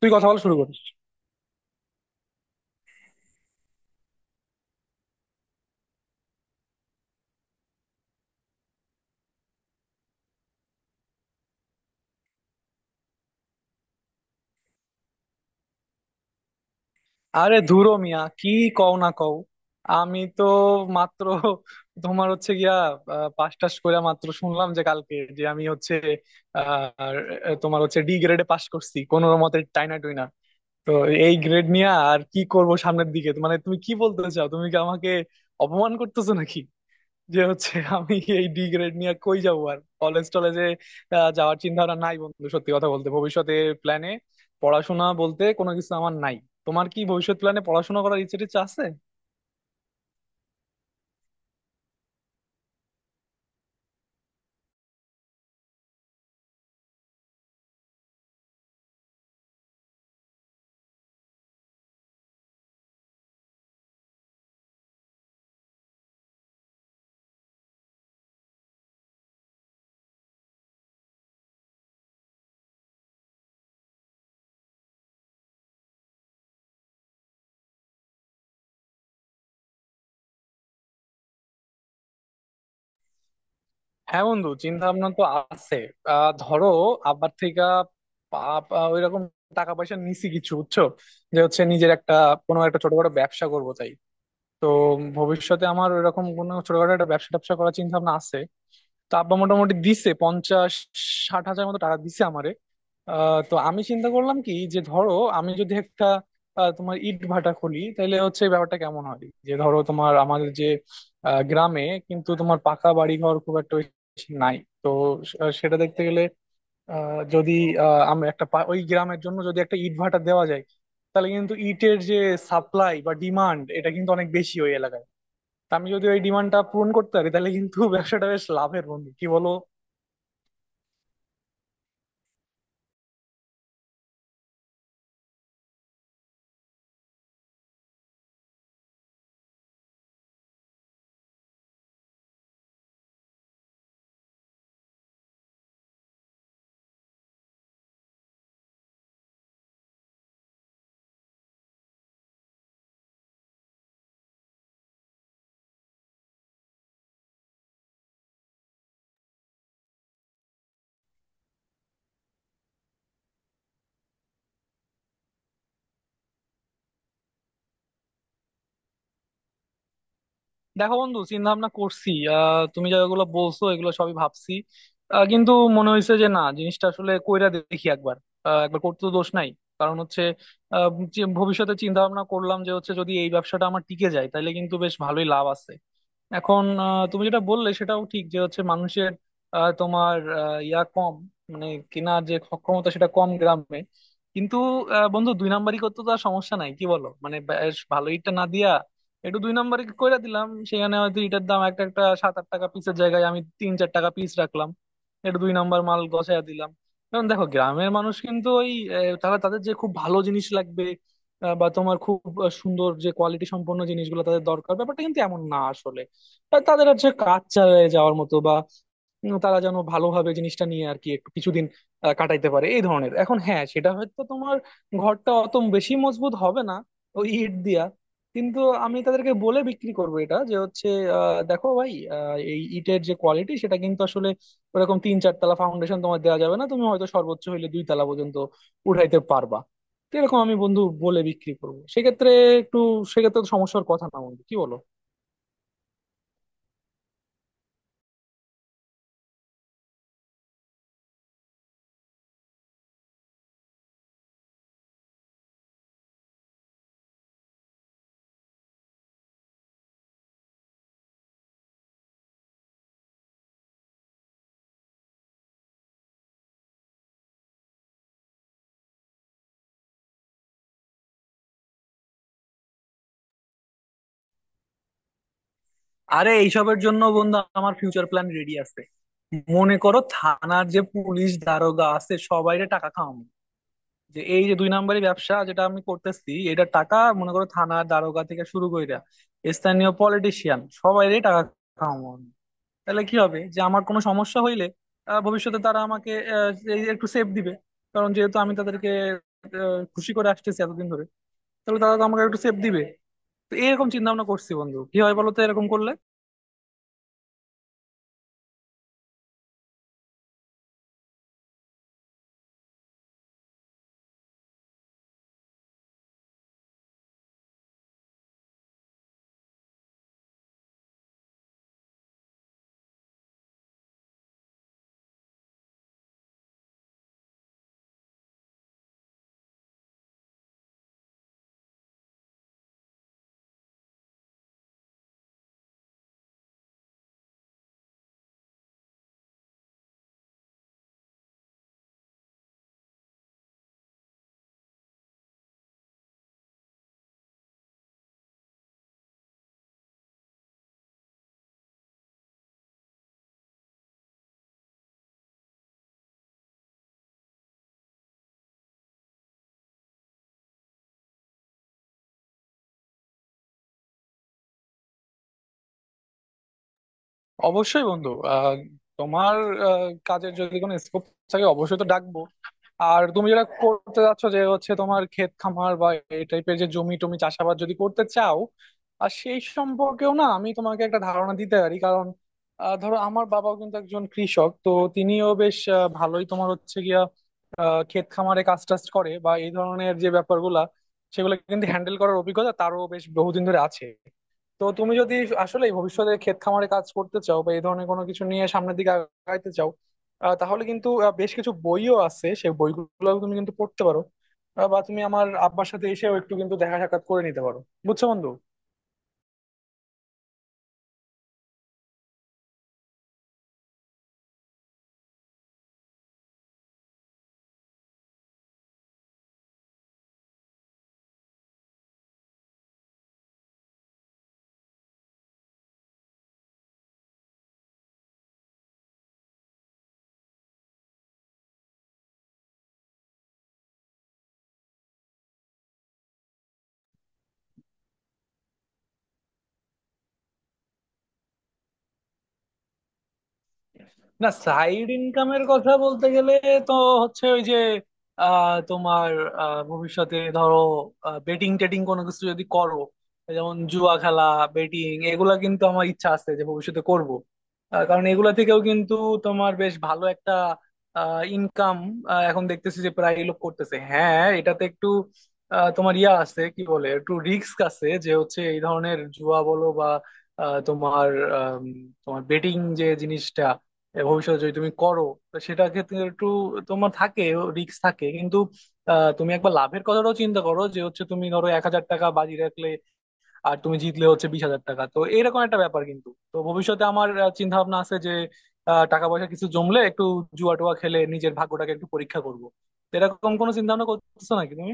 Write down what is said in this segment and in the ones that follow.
তুই কথা বলা শুরু করিস। আরে ধুরো মিয়া, কি কও না কও, আমি তো মাত্র তোমার হচ্ছে গিয়া পাস টাস করে মাত্র শুনলাম যে কালকে যে আমি হচ্ছে তোমার হচ্ছে ডি গ্রেডে পাস করছি কোনো মতে টাইনা টুইনা। তো এই গ্রেড নিয়ে আর কি করব সামনের দিকে, মানে তুমি কি বলতে চাও, তুমি কি আমাকে অপমান করতেছো নাকি যে হচ্ছে আমি এই ডি গ্রেড নিয়ে কই যাবো? আর কলেজ টলেজে যাওয়ার চিন্তা ভাবনা নাই বন্ধু, সত্যি কথা বলতে ভবিষ্যতে প্ল্যানে পড়াশোনা বলতে কোনো কিছু আমার নাই। তোমার কি ভবিষ্যৎ প্ল্যানে পড়াশোনা করার ইচ্ছে টিচ্ছে আছে? হ্যাঁ বন্ধু, চিন্তা ভাবনা তো আছে। আহ ধরো, আব্বার থেকে ওই রকম টাকা পয়সা নিছি কিছু, বুঝছো, যে হচ্ছে নিজের একটা কোনো একটা ছোটখাটো ব্যবসা করবো। তাই তো ভবিষ্যতে আমার ওইরকম কোনো ছোটখাটো একটা ব্যবসা ট্যাবসা করার চিন্তা ভাবনা আছে। তো আব্বা মোটামুটি দিছে 50-60 হাজার মতো টাকা দিছে আমারে। তো আমি চিন্তা করলাম কি যে ধরো আমি যদি একটা তোমার ইট ভাটা খুলি, তাহলে হচ্ছে ব্যাপারটা কেমন হয়? যে ধরো তোমার আমাদের যে গ্রামে কিন্তু তোমার পাকা বাড়ি ঘর খুব একটা বেশি নাই। তো সেটা দেখতে গেলে, যদি আমরা একটা ওই গ্রামের জন্য যদি একটা ইট ভাটা দেওয়া যায়, তাহলে কিন্তু ইটের যে সাপ্লাই বা ডিমান্ড, এটা কিন্তু অনেক বেশি ওই এলাকায়। তা আমি যদি ওই ডিমান্ডটা পূরণ করতে পারি, তাহলে কিন্তু ব্যবসাটা বেশ লাভের। বন্ধু কি বলো? দেখো বন্ধু, চিন্তা ভাবনা করছি। আহ তুমি যেগুলো বলছো এগুলো সবই ভাবছি। কিন্তু মনে হয়েছে যে না, জিনিসটা আসলে কইরা দেখি একবার। একবার করতে তো দোষ নাই। কারণ হচ্ছে আহ, যে ভবিষ্যতে চিন্তা ভাবনা করলাম যে হচ্ছে যদি এই ব্যবসাটা আমার টিকে যায় তাহলে কিন্তু বেশ ভালোই লাভ আছে। এখন তুমি যেটা বললে সেটাও ঠিক, যে হচ্ছে মানুষের তোমার ইয়া কম, মানে কেনার যে সক্ষমতা সেটা কম গ্রামে। কিন্তু বন্ধু দুই নাম্বারি করতে তো আর সমস্যা নাই, কি বলো? মানে বেশ ভালো ইটটা না দিয়া একটু দুই নাম্বারি কইরা দিলাম সেখানে, হয়তো ইটার দাম একটা একটা 7-8 টাকা পিসের জায়গায় আমি 3-4 টাকা পিস রাখলাম, একটু দুই নাম্বার মাল গছায়া দিলাম। কারণ দেখো, গ্রামের মানুষ কিন্তু ওই তারা তাদের যে খুব ভালো জিনিস লাগবে, বা তোমার খুব সুন্দর যে কোয়ালিটি সম্পন্ন জিনিসগুলো তাদের দরকার, ব্যাপারটা কিন্তু এমন না আসলে। আর তাদের হচ্ছে কাজ চালিয়ে যাওয়ার মতো বা তারা যেন ভালোভাবে জিনিসটা নিয়ে আর কি একটু কিছুদিন কাটাইতে পারে এই ধরনের। এখন হ্যাঁ সেটা হয়তো তোমার ঘরটা অত বেশি মজবুত হবে না ওই ইট দিয়া, কিন্তু আমি তাদেরকে বলে বিক্রি করবো এটা, যে হচ্ছে দেখো ভাই, এই ইটের যে কোয়ালিটি সেটা কিন্তু আসলে ওরকম 3-4 তলা ফাউন্ডেশন তোমার দেওয়া যাবে না, তুমি হয়তো সর্বোচ্চ হইলে 2 তলা পর্যন্ত উঠাইতে পারবা। তো এরকম আমি বন্ধু বলে বিক্রি করবো সেক্ষেত্রে, একটু সেক্ষেত্রে তো সমস্যার কথা না বন্ধু, কি বলো? আরে এইসবের জন্য বন্ধু আমার ফিউচার প্ল্যান রেডি আছে। মনে করো থানার যে পুলিশ দারোগা আছে সবাইরে টাকা খাওয়াবো, যে এই যে দুই নাম্বারি ব্যবসা যেটা আমি করতেছি এটা, টাকা মনে করো থানার দারোগা থেকে শুরু কইরা স্থানীয় পলিটিশিয়ান সবাইরে টাকা খাওয়াবো আমি। তাহলে কি হবে যে আমার কোনো সমস্যা হইলে ভবিষ্যতে তারা আমাকে এই যে একটু সেফ দিবে। কারণ যেহেতু আমি তাদেরকে খুশি করে আসতেছি এতদিন ধরে, তাহলে তারা তো আমাকে একটু সেফ দিবে। তো এরকম চিন্তা ভাবনা করছি বন্ধু, কি হয় বলো তো এরকম করলে? অবশ্যই বন্ধু, তোমার কাজের যদি কোনো স্কোপ থাকে অবশ্যই তো ডাকবো। আর তুমি যেটা করতে যাচ্ছ যে হচ্ছে তোমার ক্ষেত খামার বা এই টাইপের যে জমি টমি চাষাবাদ যদি করতে চাও, আর সেই সম্পর্কেও না আমি তোমাকে একটা ধারণা দিতে পারি। কারণ ধরো আমার বাবাও কিন্তু একজন কৃষক, তো তিনিও বেশ ভালোই তোমার হচ্ছে গিয়া ক্ষেত খামারে কাজ টাজ করে বা এই ধরনের যে ব্যাপারগুলা, সেগুলো কিন্তু হ্যান্ডেল করার অভিজ্ঞতা তারও বেশ বহুদিন ধরে আছে। তো তুমি যদি আসলে ভবিষ্যতে ক্ষেত খামারে কাজ করতে চাও বা এই ধরনের কোনো কিছু নিয়ে সামনের দিকে আগাইতে চাও, তাহলে কিন্তু বেশ কিছু বইও আছে, সেই বইগুলো তুমি কিন্তু পড়তে পারো। বা তুমি আমার আব্বার সাথে এসেও একটু কিন্তু দেখা সাক্ষাৎ করে নিতে পারো, বুঝছো বন্ধু? না সাইড ইনকামের কথা বলতে গেলে তো হচ্ছে ওই যে তোমার ভবিষ্যতে ধরো বেটিং টেটিং কোনো কিছু যদি করো, যেমন জুয়া খেলা, বেটিং, এগুলা কিন্তু আমার ইচ্ছা আছে যে ভবিষ্যতে করব। কারণ এগুলা থেকেও কিন্তু তোমার বেশ ভালো একটা ইনকাম এখন দেখতেছি যে প্রায় লোক করতেছে। হ্যাঁ এটাতে একটু তোমার ইয়া আছে কি বলে, একটু রিস্ক আছে যে হচ্ছে এই ধরনের জুয়া বলো বা তোমার আম, তোমার বেটিং যে জিনিসটা, এ ভবিষ্যতে যদি তুমি করো তো সেটা ক্ষেত্রে একটু তোমার থাকে, রিস্ক থাকে কিন্তু তুমি একবার লাভের কথাটাও চিন্তা করো যে হচ্ছে তুমি ধরো 1,000 টাকা বাজি রাখলে, আর তুমি জিতলে হচ্ছে 20,000 টাকা। তো এরকম একটা ব্যাপার কিন্তু, তো ভবিষ্যতে আমার চিন্তা ভাবনা আছে যে টাকা পয়সা কিছু জমলে একটু জুয়া টুয়া খেলে নিজের ভাগ্যটাকে একটু পরীক্ষা করবো। তো এরকম কোনো চিন্তা ভাবনা করতেছো নাকি তুমি?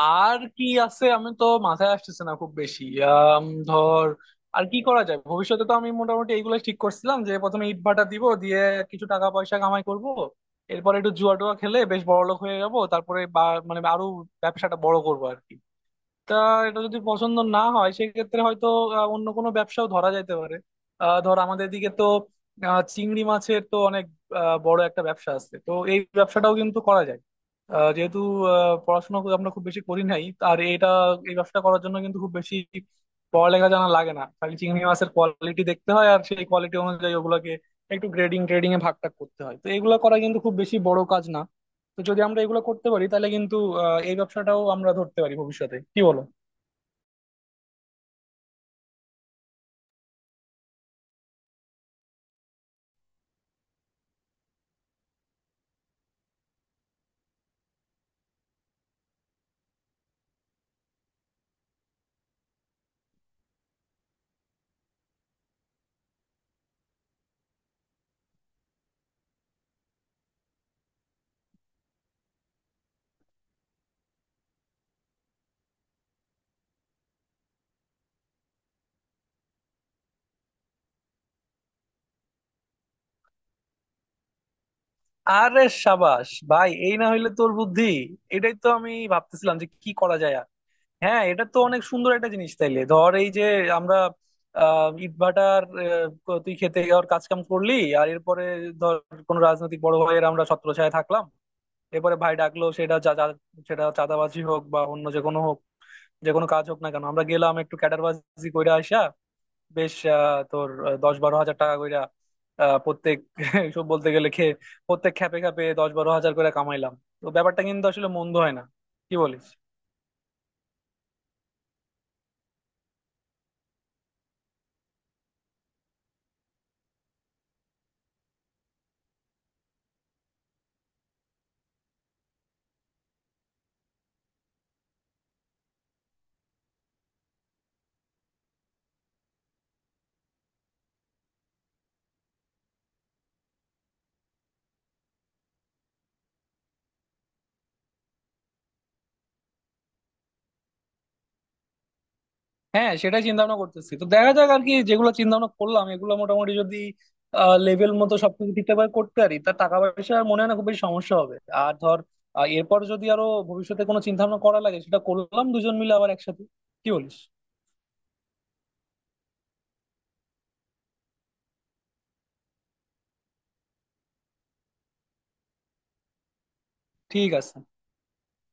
আর কি আছে, আমি তো মাথায় আসতেছে না খুব বেশি। ধর আর কি করা যায়, ভবিষ্যতে তো আমি মোটামুটি এইগুলো ঠিক করছিলাম যে প্রথমে ইট ভাটা দিব, দিয়ে কিছু টাকা পয়সা কামাই করব, এরপর একটু জুয়া টুয়া খেলে বেশ বড়লোক হয়ে যাব, তারপরে মানে আরো ব্যবসাটা বড় করবো আর কি। তা এটা যদি পছন্দ না হয় সেক্ষেত্রে হয়তো অন্য কোনো ব্যবসাও ধরা যাইতে পারে। ধর আমাদের দিকে তো চিংড়ি মাছের তো অনেক বড় একটা ব্যবসা আছে, তো এই ব্যবসাটাও কিন্তু করা যায়। যেহেতু পড়াশোনা আমরা খুব বেশি করি নাই, আর এটা এই ব্যবসা করার জন্য কিন্তু খুব বেশি পড়ালেখা জানা লাগে না, খালি চিংড়ি মাছের কোয়ালিটি দেখতে হয়, আর সেই কোয়ালিটি অনুযায়ী ওগুলোকে একটু গ্রেডিং ট্রেডিং এ ভাগ টাগ করতে হয়। তো এগুলো করা কিন্তু খুব বেশি বড় কাজ না। তো যদি আমরা এগুলো করতে পারি তাহলে কিন্তু এই ব্যবসাটাও আমরা ধরতে পারি ভবিষ্যতে, কি বলো? আরে সাবাস ভাই, এই না হইলে তোর বুদ্ধি! এটাই তো আমি ভাবতেছিলাম যে কি করা যায় আর। হ্যাঁ এটা তো অনেক সুন্দর একটা জিনিস। তাইলে ধর এই যে আমরা আহ ইটভাটার তুই খেতে যাওয়ার কাজ কাম করলি, আর এরপরে ধর কোনো রাজনৈতিক বড় ভাইয়ের আমরা ছত্রছায়ায় থাকলাম, এরপরে ভাই ডাকলো, সেটা যা যা- সেটা চাঁদাবাজি হোক বা অন্য যে কোনো হোক, যে কোনো কাজ হোক না কেন, আমরা গেলাম একটু ক্যাডারবাজি কইরা আসা। বেশ তোর 10-12 হাজার টাকা কইরা প্রত্যেক সব বলতে গেলে খেয়ে প্রত্যেক খ্যাপে খ্যাপে 10-12 হাজার করে কামাইলাম। তো ব্যাপারটা কিন্তু আসলে মন্দ হয় না, কি বলিস? হ্যাঁ সেটাই চিন্তা ভাবনা করতেছি। তো দেখা যাক আর কি, যেগুলো চিন্তা ভাবনা করলাম এগুলো মোটামুটি যদি লেভেল মতো সবকিছু ঠিকঠাক ভাবে করতে পারি, তা টাকা পয়সা আর মনে হয় না খুব বেশি সমস্যা হবে। আর ধর এরপর যদি আরো ভবিষ্যতে কোনো চিন্তা ভাবনা করা লাগে, সেটা করলাম দুজন মিলে আবার একসাথে, কি বলিস? ঠিক আছে।